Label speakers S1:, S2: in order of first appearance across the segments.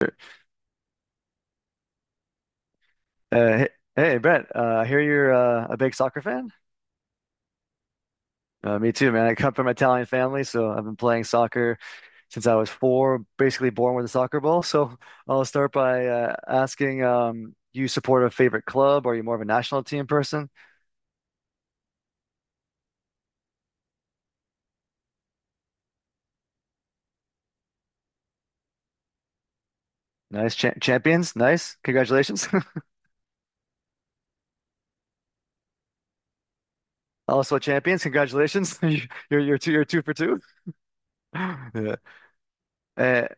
S1: Sure. Uh, hey, hey, Brent, I hear you're a big soccer fan. Me too, man. I come from an Italian family, so I've been playing soccer since I was 4, basically born with a soccer ball. So I'll start by asking, do you support a favorite club? Are you more of a national team person? Nice. Champions. Nice. Congratulations. Also champions. Congratulations. You're two for two. Yeah. Uh,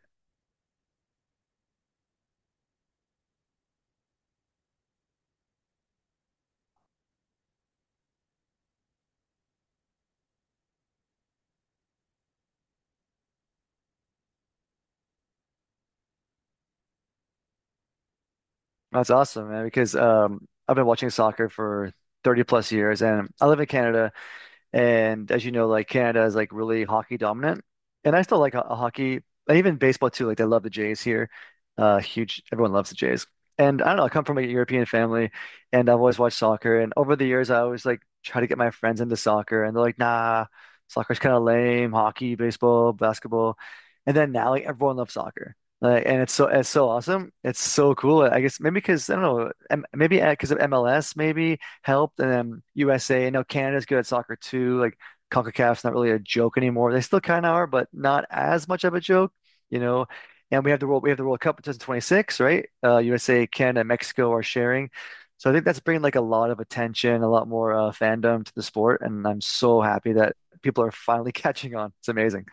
S1: that's awesome, man, because I've been watching soccer for 30 plus years and I live in Canada. And as you know, like Canada is like really hockey dominant. And I still like hockey and even baseball too. Like they love the Jays here. Huge. Everyone loves the Jays. And I don't know, I come from a European family and I've always watched soccer. And over the years, I always like try to get my friends into soccer and they're like, nah, soccer's kind of lame, hockey, baseball, basketball. And then now like everyone loves soccer. Like, and it's so awesome. It's so cool. I guess maybe because I don't know, maybe because of MLS, maybe helped. And then USA, I know Canada's good at soccer too. Like CONCACAF's not really a joke anymore. They still kind of are, but not as much of a joke, you know. And we have the World Cup in 2026, right? USA, Canada, and Mexico are sharing. So I think that's bringing like a lot of attention, a lot more fandom to the sport, and I'm so happy that people are finally catching on. It's amazing.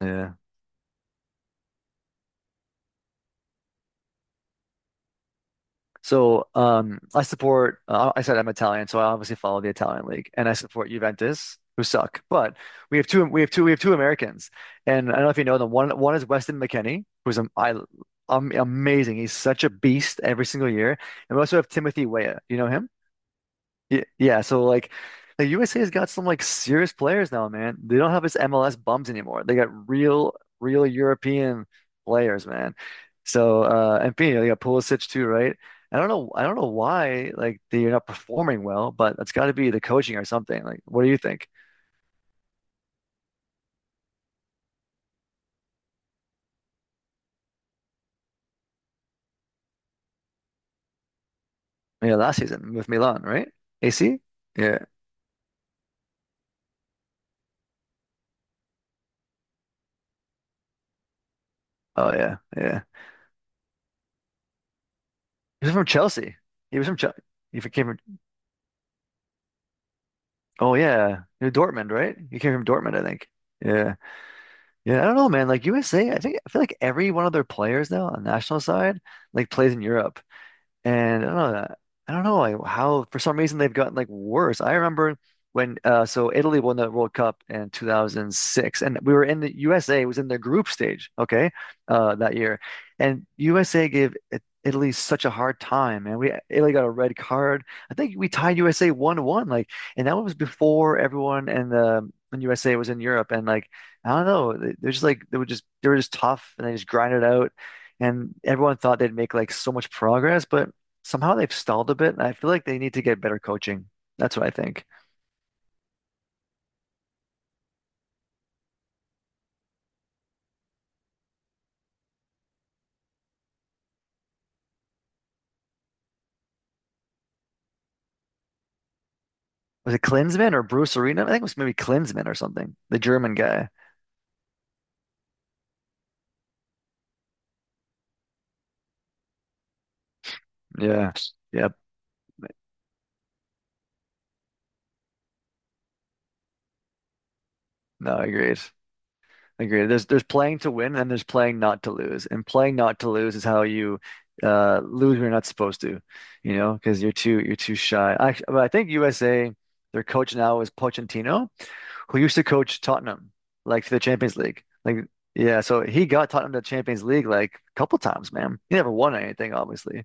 S1: Yeah. So I support. I said I'm Italian, so I obviously follow the Italian league, and I support Juventus, who suck. But we have two. We have two. We have two Americans, and I don't know if you know them. One is Weston McKennie, who's amazing. He's such a beast every single year, and we also have Timothy Weah. You know him? Yeah, yeah, so like the USA's got some like serious players now, man. They don't have this MLS bums anymore. They got real, real European players, man. So and you know, they got Pulisic too, right? I don't know why like they're not performing well, but it's gotta be the coaching or something. Like what do you think? Yeah, last season with Milan, right? AC? Yeah. Oh yeah, yeah. He was from Chelsea. He was from Chelsea. He came from oh yeah. He was Dortmund, right? He came from Dortmund, I think. Yeah. Yeah, I don't know, man. Like USA, I think I feel like every one of their players now on the national side like plays in Europe. And I don't know like how for some reason they've gotten like worse. I remember when so Italy won the World Cup in 2006 and we were in the USA was in the group stage, okay? That year. And USA gave Italy such a hard time and we Italy got a red card. I think we tied USA 1-1, like, and that was before everyone and the when USA was in Europe and like I don't know, they're just like they were just tough and they just grinded out and everyone thought they'd make like so much progress, but somehow they've stalled a bit, and I feel like they need to get better coaching. That's what I think. Was it Klinsmann or Bruce Arena? I think it was maybe Klinsmann or something, the German guy. Yeah. Yep. No, I agreed. I agree. There's playing to win and there's playing not to lose. And playing not to lose is how you lose when you're not supposed to, because you're too shy. I think USA, their coach now is Pochettino, who used to coach Tottenham, like for the Champions League. Like, yeah, so he got Tottenham to the Champions League like a couple times, man. He never won anything, obviously.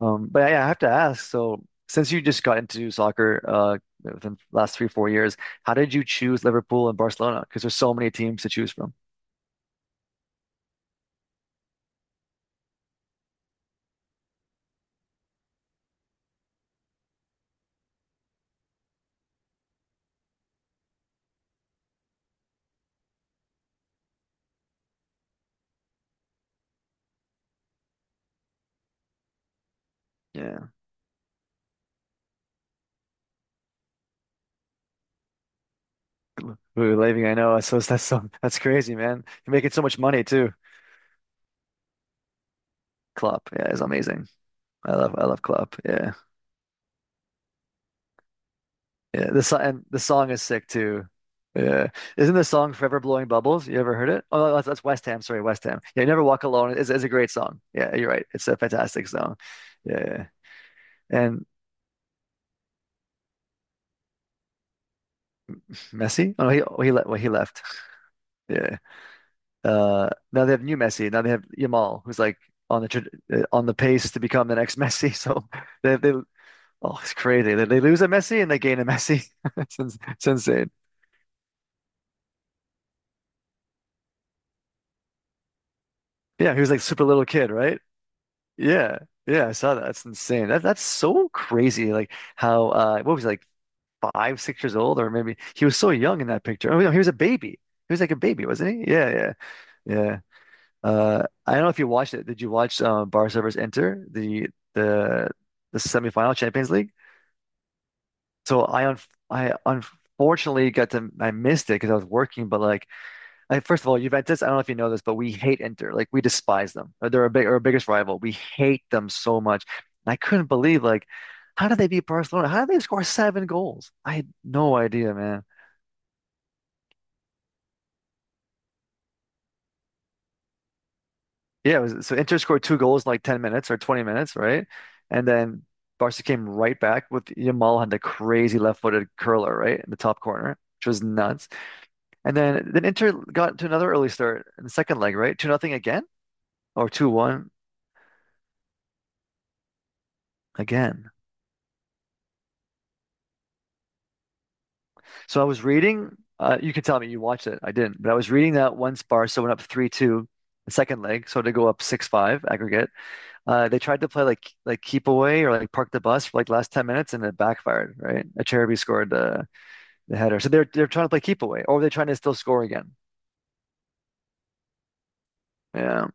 S1: But yeah, I have to ask. So, since you just got into soccer, within the last 3, 4 years, how did you choose Liverpool and Barcelona? Because there's so many teams to choose from. Yeah. Ooh, Levy, I know. So that's crazy, man. You're making so much money too. Klopp, yeah, is amazing. I love Klopp. Yeah. Yeah, the song is sick too. Yeah, isn't the song "Forever Blowing Bubbles"? You ever heard it? Oh, no, that's West Ham. Sorry, West Ham. Yeah, "Never Walk Alone" is a great song. Yeah, you're right. It's a fantastic song. Yeah, yeah, and Messi. Oh, no, he left. Well, he left. Yeah. Now they have new Messi. Now they have Yamal, who's like on the tra- on the pace to become the next Messi. So they they oh, it's crazy. They lose a Messi and they gain a Messi. It's insane. Yeah, he was like super little kid, right? Yeah, yeah, I saw that. That's insane. That's so crazy. Like how what was he, like 5, 6 years old, or maybe he was so young in that picture. Oh no, he was a baby. He was like a baby, wasn't he? Yeah, yeah, yeah. I don't know if you watched it. Did you watch Barca versus Inter, the the semifinal Champions League? So I unfortunately got to I missed it because I was working, but like, first of all, Juventus, I don't know if you know this, but we hate Inter. Like we despise them. They're our biggest rival. We hate them so much. And I couldn't believe like how did they beat Barcelona? How did they score 7 goals? I had no idea, man. Yeah, it was, so Inter scored 2 goals in like 10 minutes or 20 minutes, right? And then Barca came right back with Yamal had the crazy left-footed curler, right, in the top corner, which was nuts. And then Inter got to another early start in the second leg, right? Two nothing again or 2-1 again. So I was reading, you can tell me you watched it. I didn't, but I was reading that once Barca went up 3-2 the second leg, so to go up 6-5 aggregate. They tried to play like keep away or like park the bus for like last 10 minutes and it backfired, right? Acerbi scored the header. So they're trying to play keep away or they're trying to still score again. Yeah,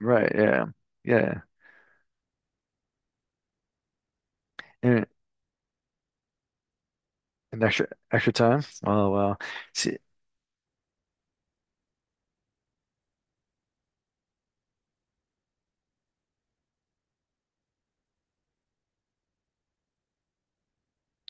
S1: right. Yeah. Yeah. And, and extra time. Oh wow. See,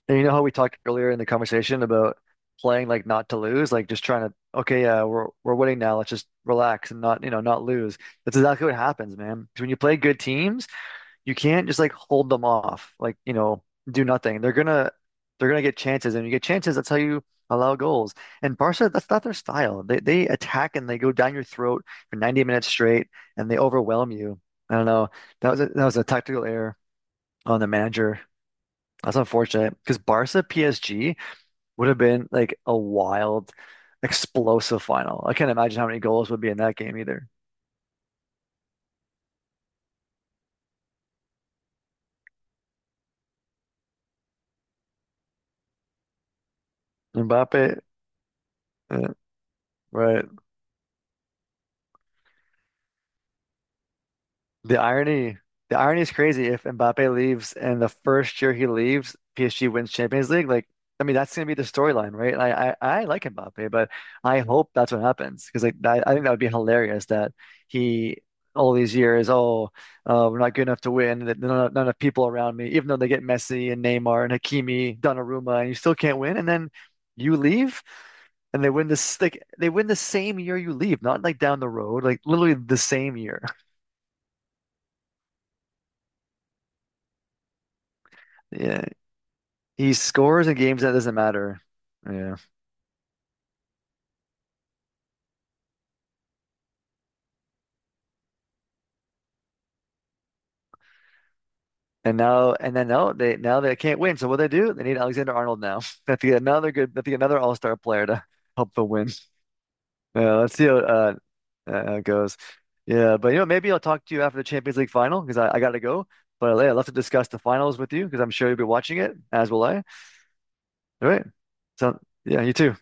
S1: and you know how we talked earlier in the conversation about playing like not to lose, like just trying to, okay, yeah, we're winning now. Let's just relax and not, not lose. That's exactly what happens, man. 'Cause when you play good teams, you can't just like hold them off, like, do nothing. They're gonna get chances, and you get chances, that's how you allow goals. And Barca, that's not their style. They attack and they go down your throat for 90 minutes straight and they overwhelm you. I don't know. That was a tactical error on the manager. That's unfortunate because Barca PSG would have been like a wild, explosive final. I can't imagine how many goals would be in that game either. Mbappe, uh, right. The irony, the irony is crazy. If Mbappe leaves and the first year he leaves, PSG wins Champions League, like I mean that's gonna be the storyline, right? I like Mbappe, but I hope that's what happens because like that, I think that would be hilarious that he all these years, oh, we're not good enough to win. That none of people around me, even though they get Messi and Neymar and Hakimi, Donnarumma, and you still can't win, and then you leave. And they win the same year you leave, not like down the road, like literally the same year. He scores in games that doesn't matter. Yeah. And now and then now they can't win. So what they do? They need Alexander Arnold now. They have to get another all-star player to help them win. Yeah, let's see how it goes. Yeah, but maybe I'll talk to you after the Champions League final because I gotta go. But yeah, I'd love to discuss the finals with you because I'm sure you'll be watching it, as will I. All right. So yeah, you too.